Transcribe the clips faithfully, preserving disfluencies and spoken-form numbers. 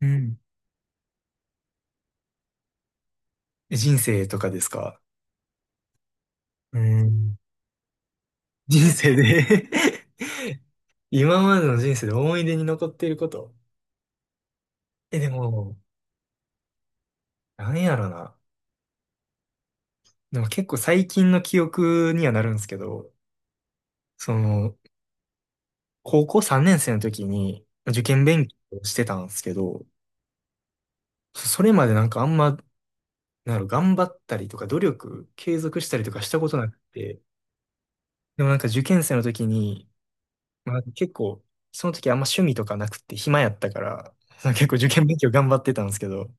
うん。人生とかですか？うん。人生で。 今までの人生で思い出に残っていること。え、でも、なんやろな。でも結構最近の記憶にはなるんですけど、その、高校さんねん生の時に受験勉強をしてたんですけど、それまでなんかあんま、なんやろ、頑張ったりとか努力継続したりとかしたことなくて、でもなんか受験生の時にまあ、結構、その時あんま趣味とかなくって暇やったから、結構受験勉強頑張ってたんですけど、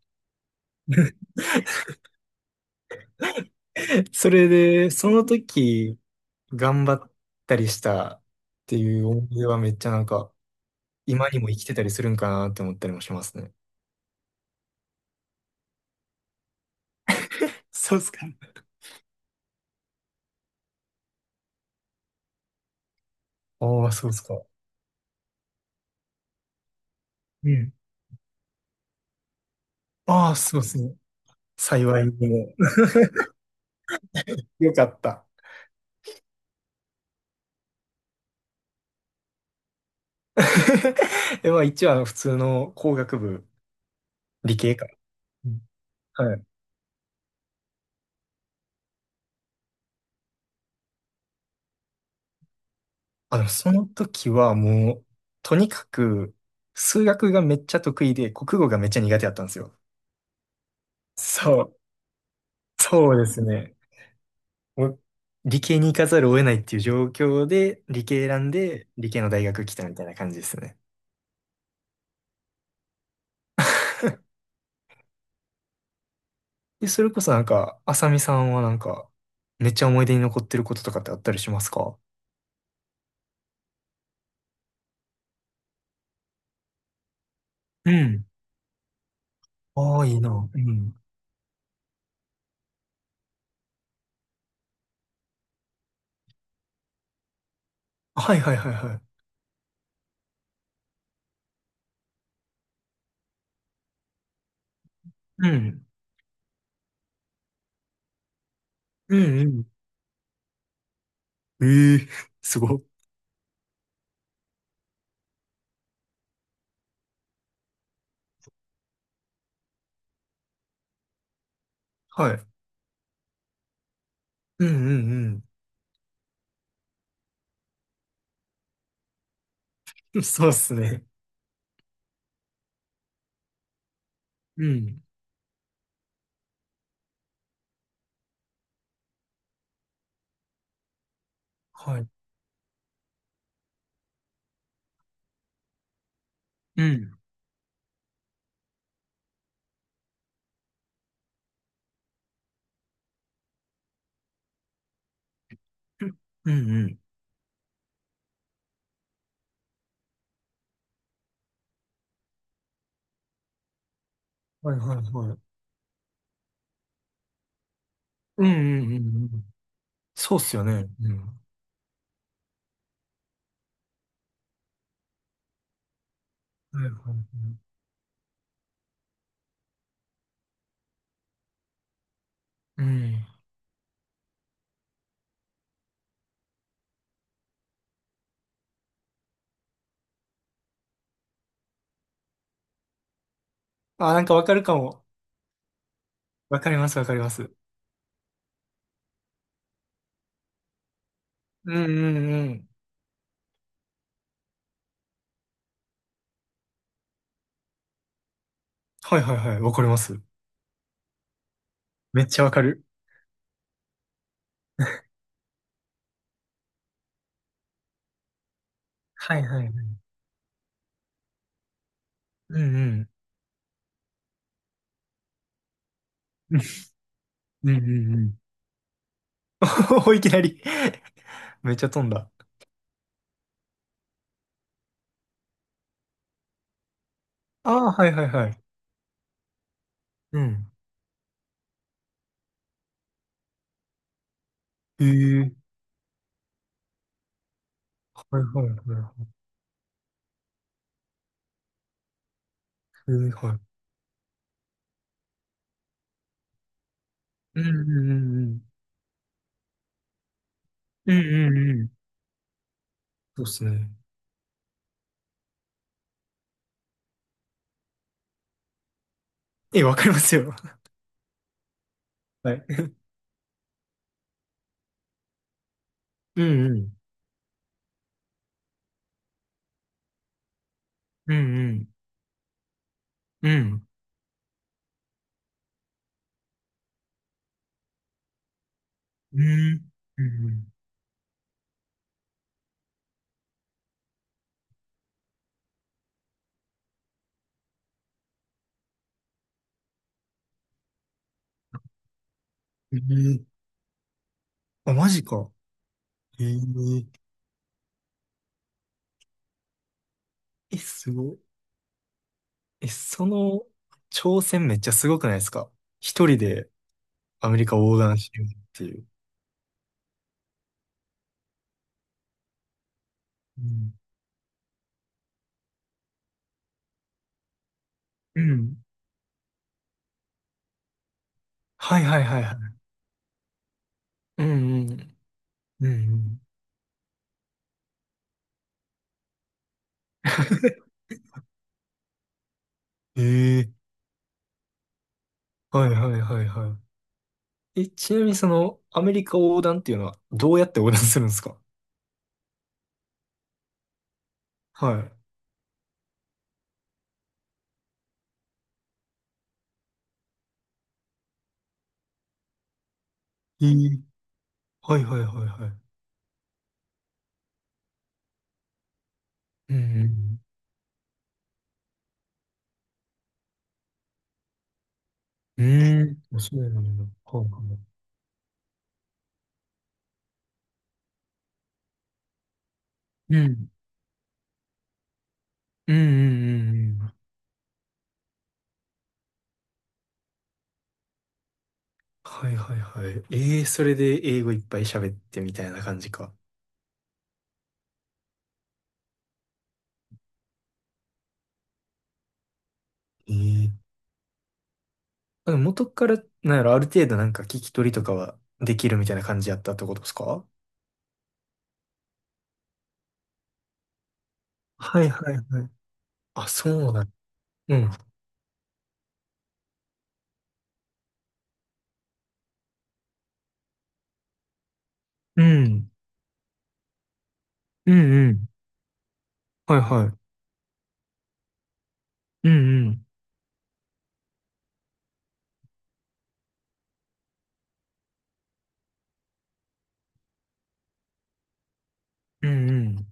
それで、その時頑張ったりしたっていう思い出はめっちゃなんか、今にも生きてたりするんかなって思ったりもしますね。そうっすか？ああ、そうっすか。うん。ああ、そうですね。幸いにも。よかった。え、まあ一応あの普通の工学部、理系か。うん、はい。あの、その時はもう、とにかく、数学がめっちゃ得意で、国語がめっちゃ苦手だったんですよ。そう、そうですね。もう理系に行かざるを得ないっていう状況で、理系選んで、理系の大学来たみたいな感じですね。で、それこそなんか、あさみさんはなんか、めっちゃ思い出に残ってることとかってあったりしますか？うん。ああ、いいな。うん。はいはいはいはい。うん。うんうん。ええ、すごっ。はい。うんうん。 うん、そうっすね。うん。はい。うん。うんうん。はいはいはい。うんうんうんうん。そうっすよね。うん。はいはいはい。うん。あ、なんかわかるかも。わかります、わかります。うんうんうん。はいはいはい。わかります。めっちゃわかる。はいはいはい。うんうん。うんうんうん。お、いきなりめっちゃ飛んだ。ああ、はいはいはい。うん。へえ、はいはいはい。へえ、はい。うんうんうんうん。うんうんうん。そうっすね。え、わかりますよ。はい。うんうん。うんうん。うん。うん。うんうん。ええ、あ、マジか。えええ、すごい。え、その挑戦めっちゃすごくないですか？一人でアメリカ横断しようっていう。うん。うん、はいはいはいはい。うんうん。うんうん。ええ、はいはいはいはい。え、ちなみにその、アメリカ横断っていうのは、どうやって横断するんですか？はい。ええ、はいはいはいはい。うんうん。うーん。そうなんだ。はいはい。うん。うんうんうんうん。はいはいはい。ええ、それで英語いっぱい喋ってみたいな感じか。ええ、あの元から、なんやろ、ある程度なんか聞き取りとかはできるみたいな感じやったってことですか？はいはいはい。あ、そうだ。うん。うん。うんうん。はいはい。うんうん。うんうん。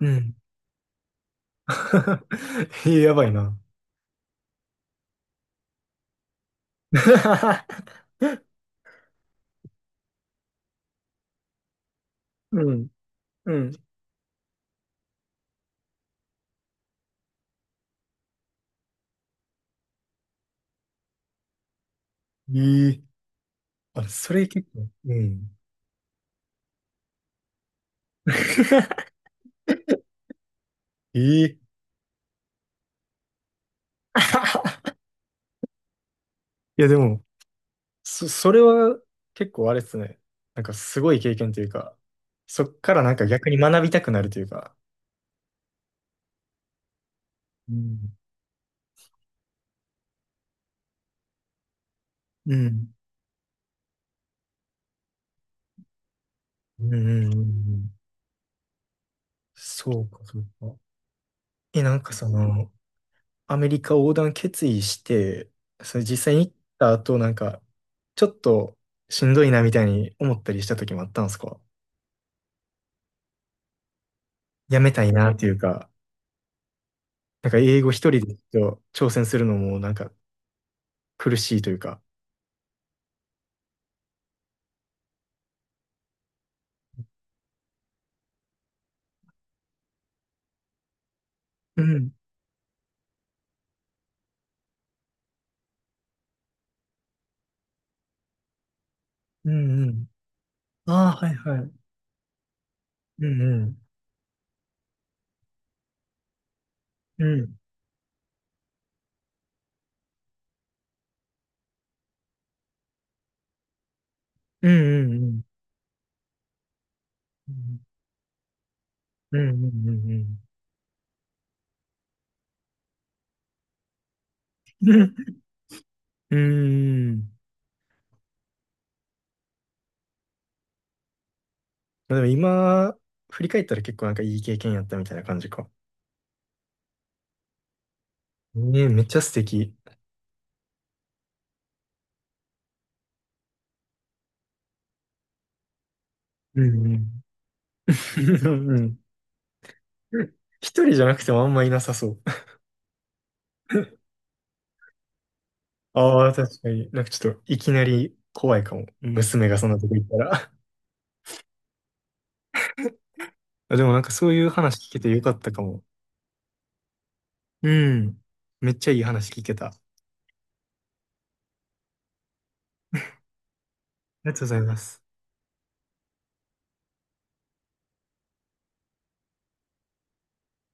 うん。うん。ええ、やばいな。うん。うん。ええ、あ、それ結構、うん。ええ、いや、でも、そ、それは結構あれですね。なんかすごい経験というか、そっからなんか逆に学びたくなるというか。うん。うん。うんうんうんうん、そうか、そうか。え、なんかその、アメリカ横断決意して、それ実際に行った後、なんか、ちょっとしんどいなみたいに思ったりした時もあったんですか？やめたいなっていうか、なんか英語一人でちょっと挑戦するのもなんか苦しいというか。うん、うん、うん。ああ、はい、はい。うん、うん、うん、うん、うん、うん、うん、うん、うん、うん。うん。まあでも今、振り返ったら結構なんかいい経験やったみたいな感じか。ねえ、めっちゃ素敵。うんうんうん。一人じゃなくてもあんまいなさそう。ああ、確かに。なんかちょっといきなり怖いかも。娘がそんなとこ行ったら。あ、でもなんかそういう話聞けてよかったかも。うん。めっちゃいい話聞けた。りがとうございます。